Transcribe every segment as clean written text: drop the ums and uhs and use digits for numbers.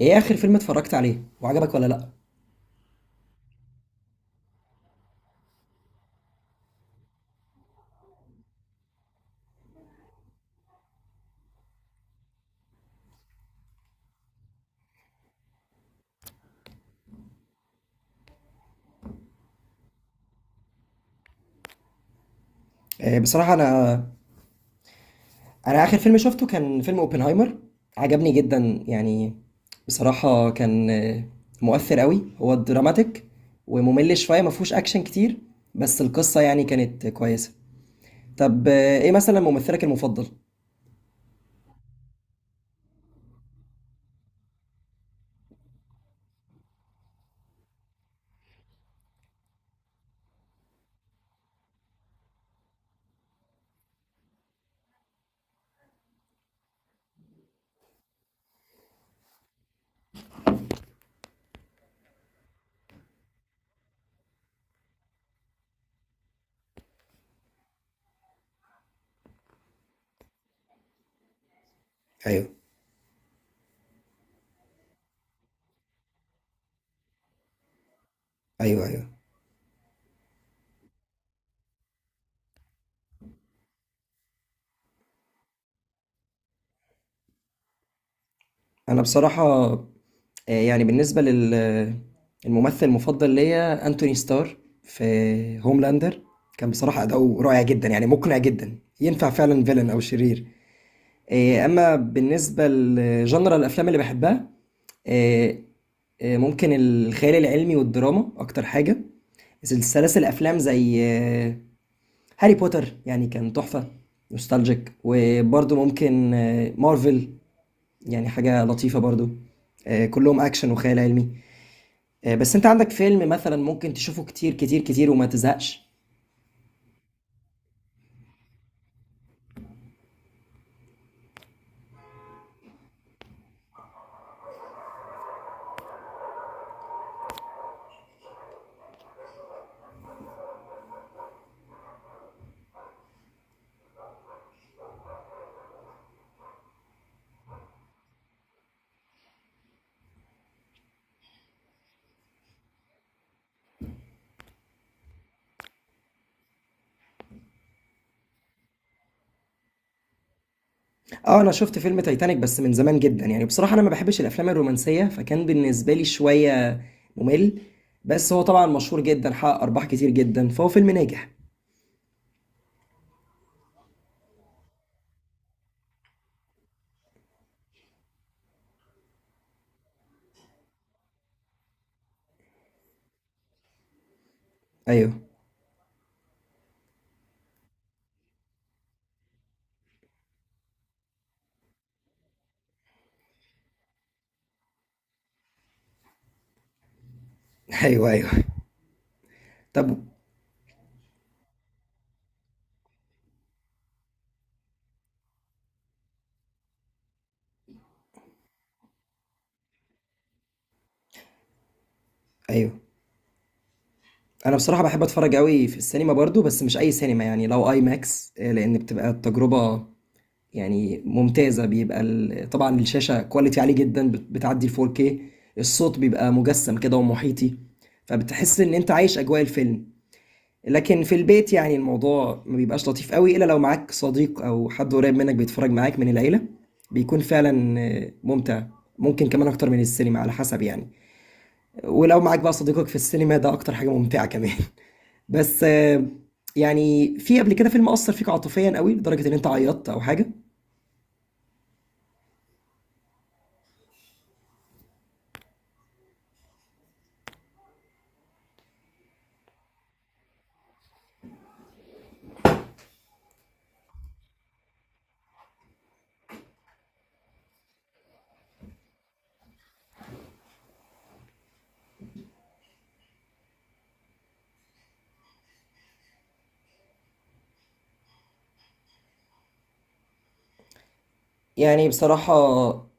ايه اخر فيلم اتفرجت عليه وعجبك ولا لا؟ بصراحه انا اخر فيلم شفته كان فيلم اوبنهايمر. عجبني جدا. يعني بصراحه كان مؤثر قوي، هو دراماتيك وممل شويه، ما فيهوش اكشن كتير، بس القصه يعني كانت كويسه. طب ايه مثلا ممثلك المفضل؟ ايوه ايوه ايوه. انا بصراحة يعني بالنسبة للممثل المفضل ليا انتوني ستار في هوملاندر. كان بصراحة أداؤه رائع جدا، يعني مقنع جدا، ينفع فعلا فيلن أو شرير. أما بالنسبة لجنرال الأفلام اللي بحبها، آه، ممكن الخيال العلمي والدراما أكتر حاجة. سلاسل أفلام زي هاري بوتر، يعني كان تحفة، نوستالجيك. وبرضه ممكن مارفل، يعني حاجة لطيفة برضو. كلهم أكشن وخيال علمي. بس أنت عندك فيلم مثلا ممكن تشوفه كتير كتير كتير وما تزهقش؟ اه، انا شفت فيلم تايتانيك بس من زمان جدا، يعني بصراحة انا ما بحبش الافلام الرومانسية، فكان بالنسبة لي شوية ممل. بس هو طبعا مشهور جدا، حقق ارباح كتير جدا، فهو فيلم ناجح. ايوه. ايوه ايوه. طب. ايوه، انا بصراحة بحب اتفرج قوي في السينما برضو، بس مش اي سينما. يعني لو اي ماكس، لان بتبقى التجربة يعني ممتازة. بيبقى طبعا الشاشة كواليتي عالي جدا، بتعدي ال 4K. الصوت بيبقى مجسم كده ومحيطي، فبتحس ان انت عايش اجواء الفيلم. لكن في البيت يعني الموضوع ما بيبقاش لطيف قوي، الا لو معاك صديق او حد قريب منك بيتفرج معاك من العيلة، بيكون فعلا ممتع. ممكن كمان اكتر من السينما على حسب يعني. ولو معاك بقى صديقك في السينما، ده اكتر حاجة ممتعة كمان. بس يعني في قبل كده فيلم اثر فيك عاطفيا قوي لدرجة ان انت عيطت او حاجة؟ يعني بصراحة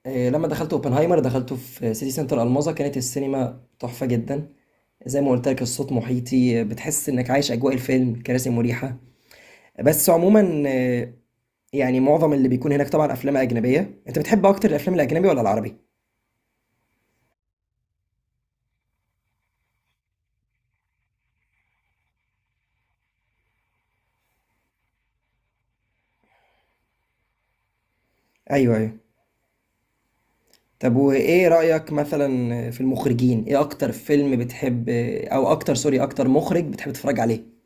لما دخلت اوبنهايمر دخلته في سيتي سنتر الماظة، كانت السينما تحفة جدا. زي ما قلت لك، الصوت محيطي، بتحس انك عايش اجواء الفيلم، كراسي مريحة. بس عموما يعني معظم اللي بيكون هناك طبعا افلام اجنبية. انت بتحب اكتر الافلام الاجنبي ولا العربي؟ ايوه ايوه. طب، وايه رأيك مثلا في المخرجين؟ ايه اكتر فيلم بتحب او اكتر، سوري، اكتر مخرج بتحب تتفرج عليه؟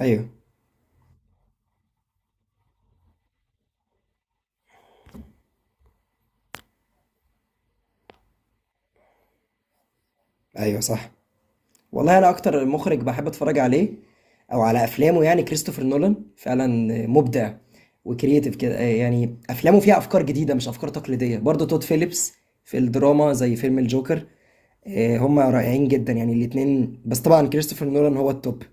ايوه ايوه، صح. والله انا اكتر مخرج بحب اتفرج عليه او على افلامه يعني كريستوفر نولان. فعلا مبدع وكرييتيف كده. يعني افلامه فيها افكار جديده مش افكار تقليديه. برضه تود فيليبس في الدراما زي فيلم الجوكر. هما رائعين جدا يعني الاتنين، بس طبعا كريستوفر نولان هو التوب.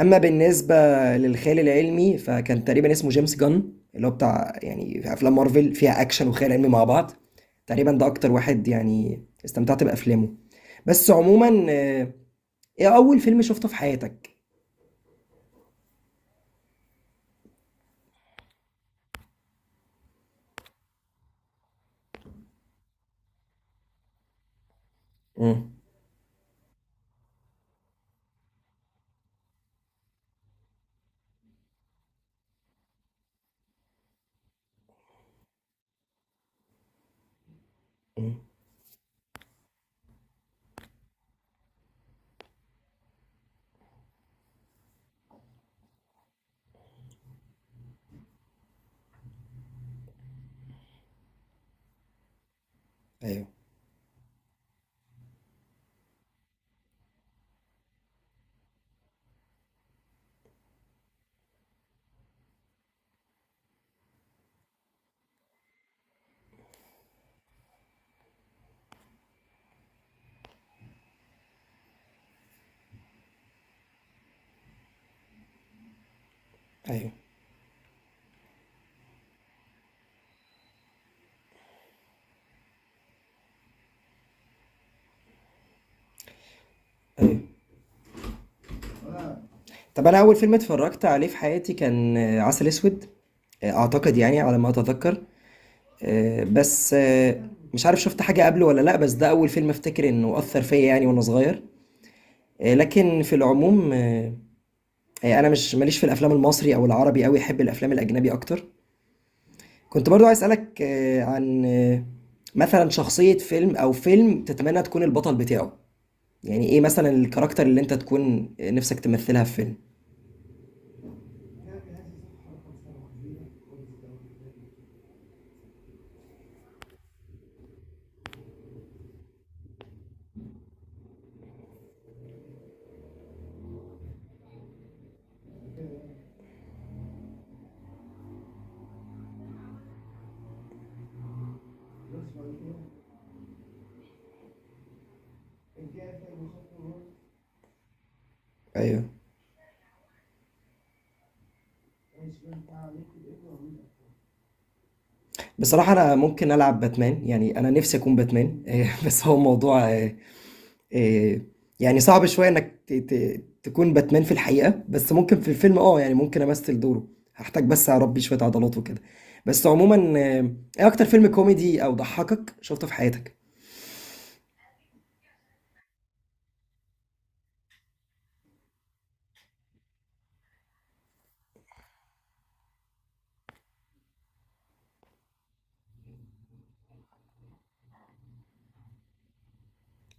اما بالنسبه للخيال العلمي، فكان تقريبا اسمه جيمس جان، اللي هو بتاع يعني في افلام مارفل فيها اكشن وخيال علمي مع بعض. تقريبا ده اكتر واحد يعني استمتعت بافلامه. بس عموما إيه أول فيلم شُفته في حياتك؟ إمم. إمم. أيوه. أيوه، أيوه. طَب أنا أول فيلم اتفرّجت عليه في حياتي كان عسل أسود، أعتقد يعني على ما أتذكّر. بس آه، مش عارف شُفت حاجة قبله والّا لأ، بس ده أول فيلم أفتكر إنه أثّر فيّا يعني وأنا صغير. لكن في العموم، أنا مش ما ليش في الأفلام المصري أو العربي أوي، أحب الأفلام الأجنبي أكتر. كنت برضه عايز أسألك عن مثلًا شخصية فيلم أو فيلم تتمنّى تكون البطل بتاعه؟ يعني ايه مثلا الكاركتر اللي انت تكون نفسك تمثلها في فيلم؟ ايوه. بصراحة انا ممكن العب باتمان، يعني انا نفسي اكون باتمان. بس هو موضوع آه، يعني صعب شوية انك تكون باتمان في الحقيقة، بس ممكن في الفيلم اه، يعني ممكن امثل دوره. هحتاج بس اربي شوية عضلات وكده. بس عموما ايه اكتر فيلم كوميدي او ضحكك شفته في حياتك؟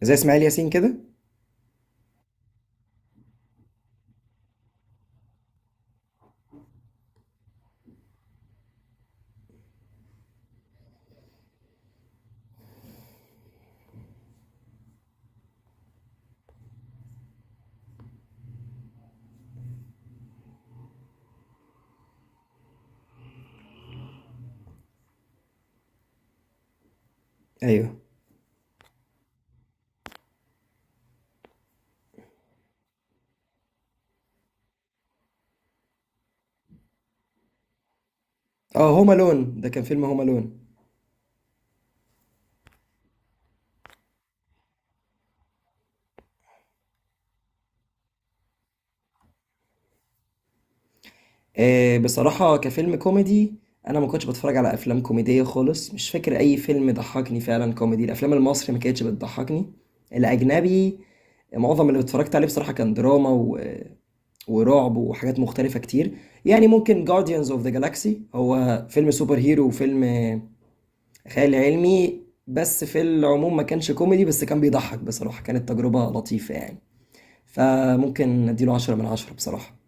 زي اسماعيل ياسين كده؟ ايوه. اه، هوم الون، ده كان فيلم هوم الون. بصراحة كفيلم كوميدي، أنا ما كنتش بتفرج على أفلام كوميدية خالص. مش فاكر أي فيلم ضحكني فعلا كوميدي. الأفلام المصري ما كانتش بتضحكني. الأجنبي معظم اللي اتفرجت عليه بصراحة كان دراما ورعب وحاجات مختلفة كتير. يعني ممكن Guardians of the Galaxy، هو فيلم سوبر هيرو وفيلم خيال علمي. بس في العموم ما كانش كوميدي، بس كان بيضحك بصراحة. كانت تجربة لطيفة يعني، فممكن اديله 10 من 10 بصراحة.